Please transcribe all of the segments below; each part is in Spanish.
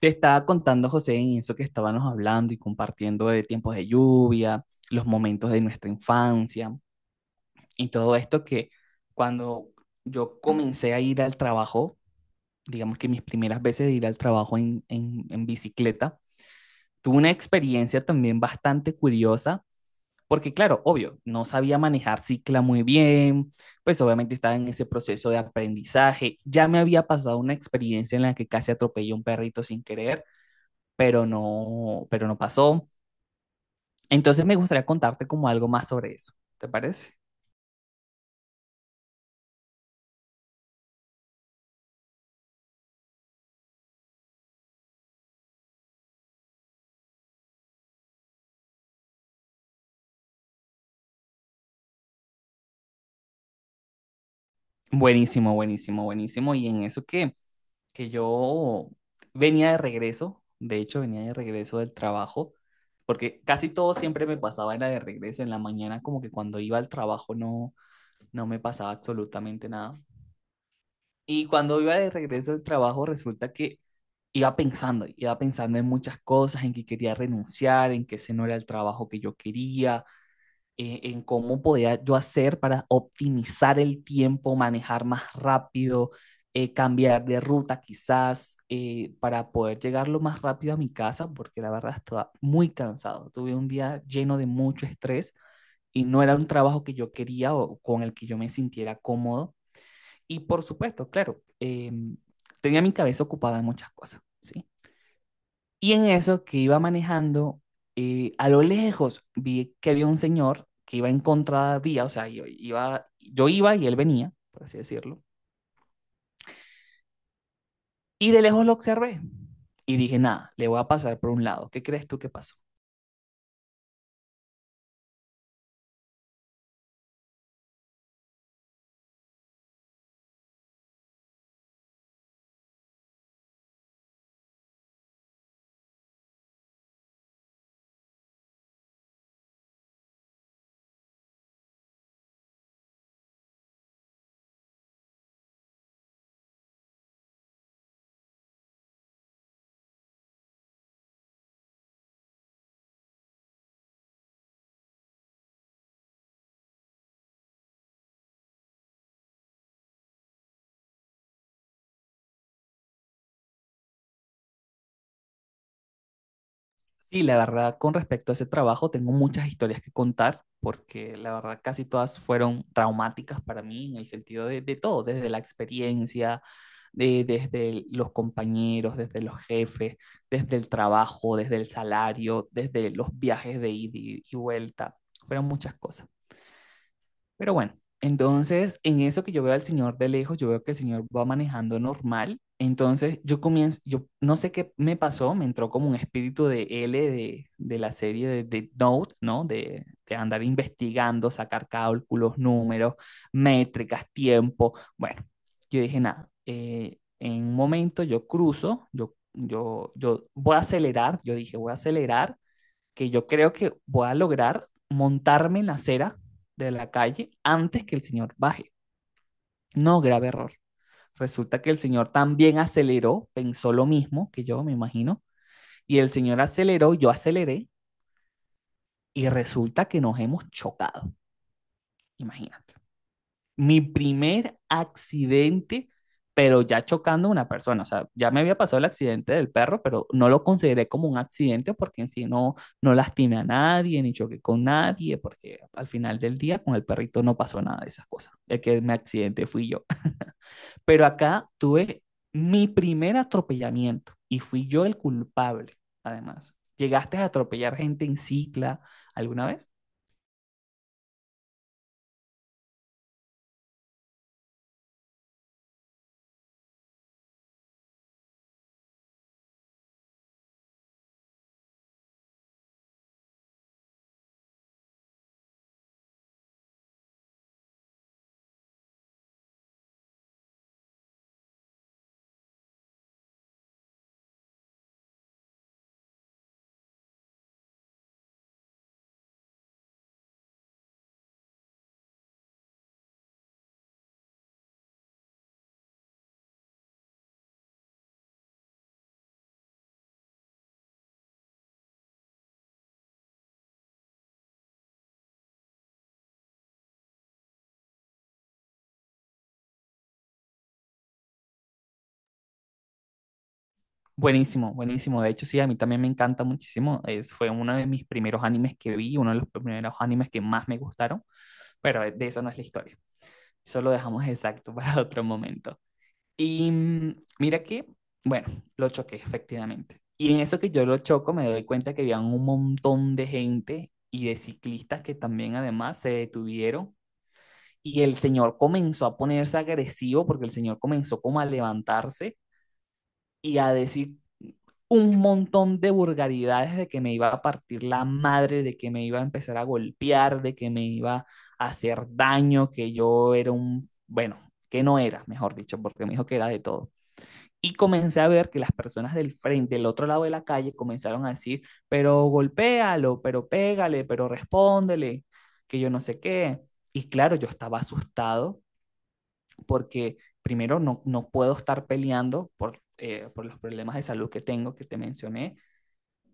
Te estaba contando, José, en eso que estábamos hablando y compartiendo de tiempos de lluvia, los momentos de nuestra infancia y todo esto que cuando yo comencé a ir al trabajo, digamos que mis primeras veces de ir al trabajo en bicicleta, tuve una experiencia también bastante curiosa, porque claro, obvio, no sabía manejar cicla muy bien, pues obviamente estaba en ese proceso de aprendizaje, ya me había pasado una experiencia en la que casi atropellé a un perrito sin querer pero no pasó. Entonces me gustaría contarte como algo más sobre eso, ¿te parece? Buenísimo, buenísimo, buenísimo. Y en eso que yo venía de regreso, de hecho venía de regreso del trabajo, porque casi todo siempre me pasaba en la de regreso, en la mañana como que cuando iba al trabajo no me pasaba absolutamente nada. Y cuando iba de regreso del trabajo resulta que iba pensando en muchas cosas, en que quería renunciar, en que ese no era el trabajo que yo quería, en cómo podía yo hacer para optimizar el tiempo, manejar más rápido, cambiar de ruta quizás, para poder llegar lo más rápido a mi casa, porque la verdad estaba muy cansado. Tuve un día lleno de mucho estrés y no era un trabajo que yo quería o con el que yo me sintiera cómodo. Y por supuesto, claro, tenía mi cabeza ocupada en muchas cosas, ¿sí? Y en eso que iba manejando, a lo lejos vi que había un señor que iba en contravía, o sea, yo iba y él venía, por así decirlo. Y de lejos lo observé y dije, nada, le voy a pasar por un lado. ¿Qué crees tú que pasó? Sí, la verdad, con respecto a ese trabajo, tengo muchas historias que contar, porque la verdad casi todas fueron traumáticas para mí en el sentido de todo, desde la experiencia, desde los compañeros, desde los jefes, desde el trabajo, desde el salario, desde los viajes de ida y vuelta, fueron muchas cosas. Pero bueno, entonces en eso que yo veo al señor de lejos, yo veo que el señor va manejando normal. Entonces yo comienzo, yo no sé qué me pasó, me entró como un espíritu de L de la serie de Note, ¿no? De andar investigando, sacar cálculos, números, métricas, tiempo. Bueno, yo dije, nada, en un momento yo cruzo, yo voy a acelerar, yo dije, voy a acelerar que yo creo que voy a lograr montarme en la acera de la calle antes que el señor baje. No, grave error. Resulta que el señor también aceleró, pensó lo mismo que yo, me imagino, y el señor aceleró, yo aceleré, y resulta que nos hemos chocado, imagínate. Mi primer accidente, pero ya chocando a una persona. O sea, ya me había pasado el accidente del perro, pero no lo consideré como un accidente porque en sí no lastimé a nadie, ni choqué con nadie, porque al final del día con el perrito no pasó nada de esas cosas. El que me accidente fui yo. Pero acá tuve mi primer atropellamiento y fui yo el culpable, además. ¿Llegaste a atropellar gente en cicla alguna vez? Buenísimo, buenísimo. De hecho, sí, a mí también me encanta muchísimo. Es, fue uno de mis primeros animes que vi, uno de los primeros animes que más me gustaron, pero de eso no es la historia. Eso lo dejamos exacto para otro momento. Y mira que, bueno, lo choqué, efectivamente. Y en eso que yo lo choco, me doy cuenta que había un montón de gente y de ciclistas que también además se detuvieron. Y el señor comenzó a ponerse agresivo porque el señor comenzó como a levantarse y a decir un montón de vulgaridades de que me iba a partir la madre, de que me iba a empezar a golpear, de que me iba a hacer daño, que yo era un, bueno, que no era, mejor dicho, porque me dijo que era de todo. Y comencé a ver que las personas del frente, del otro lado de la calle, comenzaron a decir, pero golpéalo, pero pégale, pero respóndele, que yo no sé qué. Y claro, yo estaba asustado porque primero no puedo estar peleando por los problemas de salud que tengo, que te mencioné,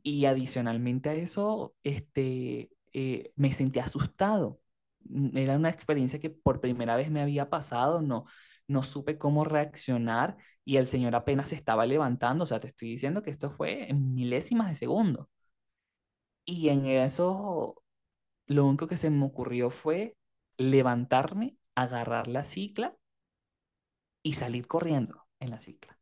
y adicionalmente a eso, me sentí asustado. Era una experiencia que por primera vez me había pasado, no supe cómo reaccionar y el señor apenas se estaba levantando, o sea, te estoy diciendo que esto fue en milésimas de segundo. Y en eso lo único que se me ocurrió fue levantarme, agarrar la cicla y salir corriendo en la cicla.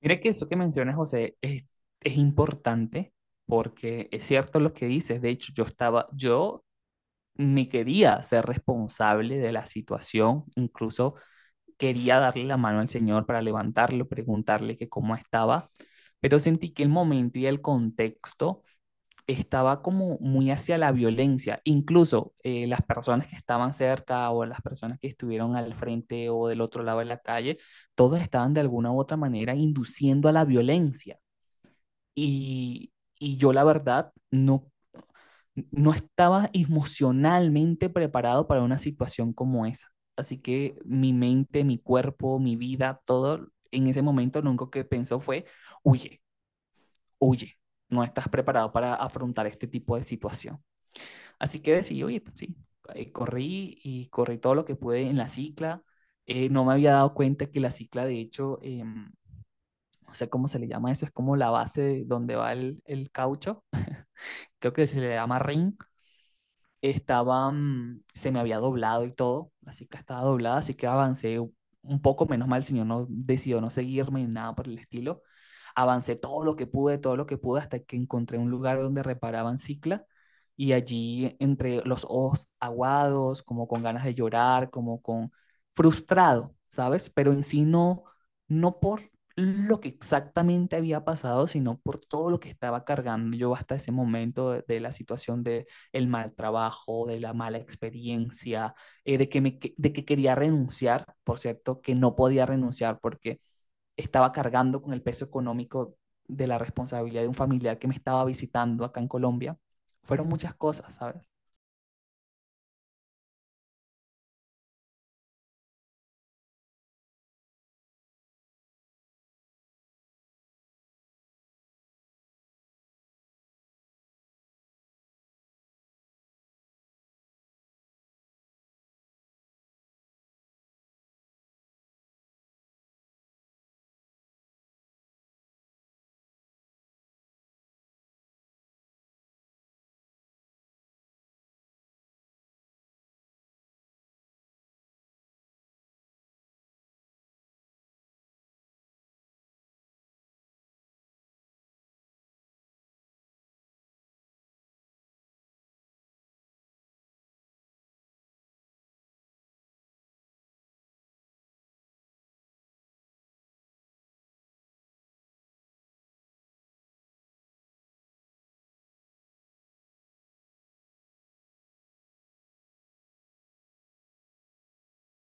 Mira que eso que mencionas, José, es importante porque es cierto lo que dices. De hecho, yo estaba, yo me quería ser responsable de la situación, incluso quería darle la mano al señor para levantarlo, preguntarle que cómo estaba, pero sentí que el momento y el contexto estaba como muy hacia la violencia. Incluso las personas que estaban cerca o las personas que estuvieron al frente o del otro lado de la calle, todos estaban de alguna u otra manera induciendo a la violencia. Y, y yo la verdad no estaba emocionalmente preparado para una situación como esa. Así que mi mente, mi cuerpo, mi vida, todo en ese momento lo único que pensó fue, huye, huye, no estás preparado para afrontar este tipo de situación. Así que decidí, oye, pues sí, corrí y corrí todo lo que pude en la cicla. No me había dado cuenta que la cicla, de hecho, no sé cómo se le llama eso, es como la base de donde va el caucho, creo que se le llama ring, estaba, se me había doblado y todo, así que estaba doblada, así que avancé un poco, menos mal, el señor no decidió no seguirme ni nada por el estilo. Avancé todo lo que pude, todo lo que pude, hasta que encontré un lugar donde reparaban cicla y allí entre los ojos aguados, como con ganas de llorar, como con frustrado, ¿sabes? Pero en sí no por lo que exactamente había pasado, sino por todo lo que estaba cargando yo hasta ese momento de la situación de el mal trabajo, de la mala experiencia, que me, de que quería renunciar, por cierto, que no podía renunciar porque estaba cargando con el peso económico de la responsabilidad de un familiar que me estaba visitando acá en Colombia. Fueron muchas cosas, ¿sabes?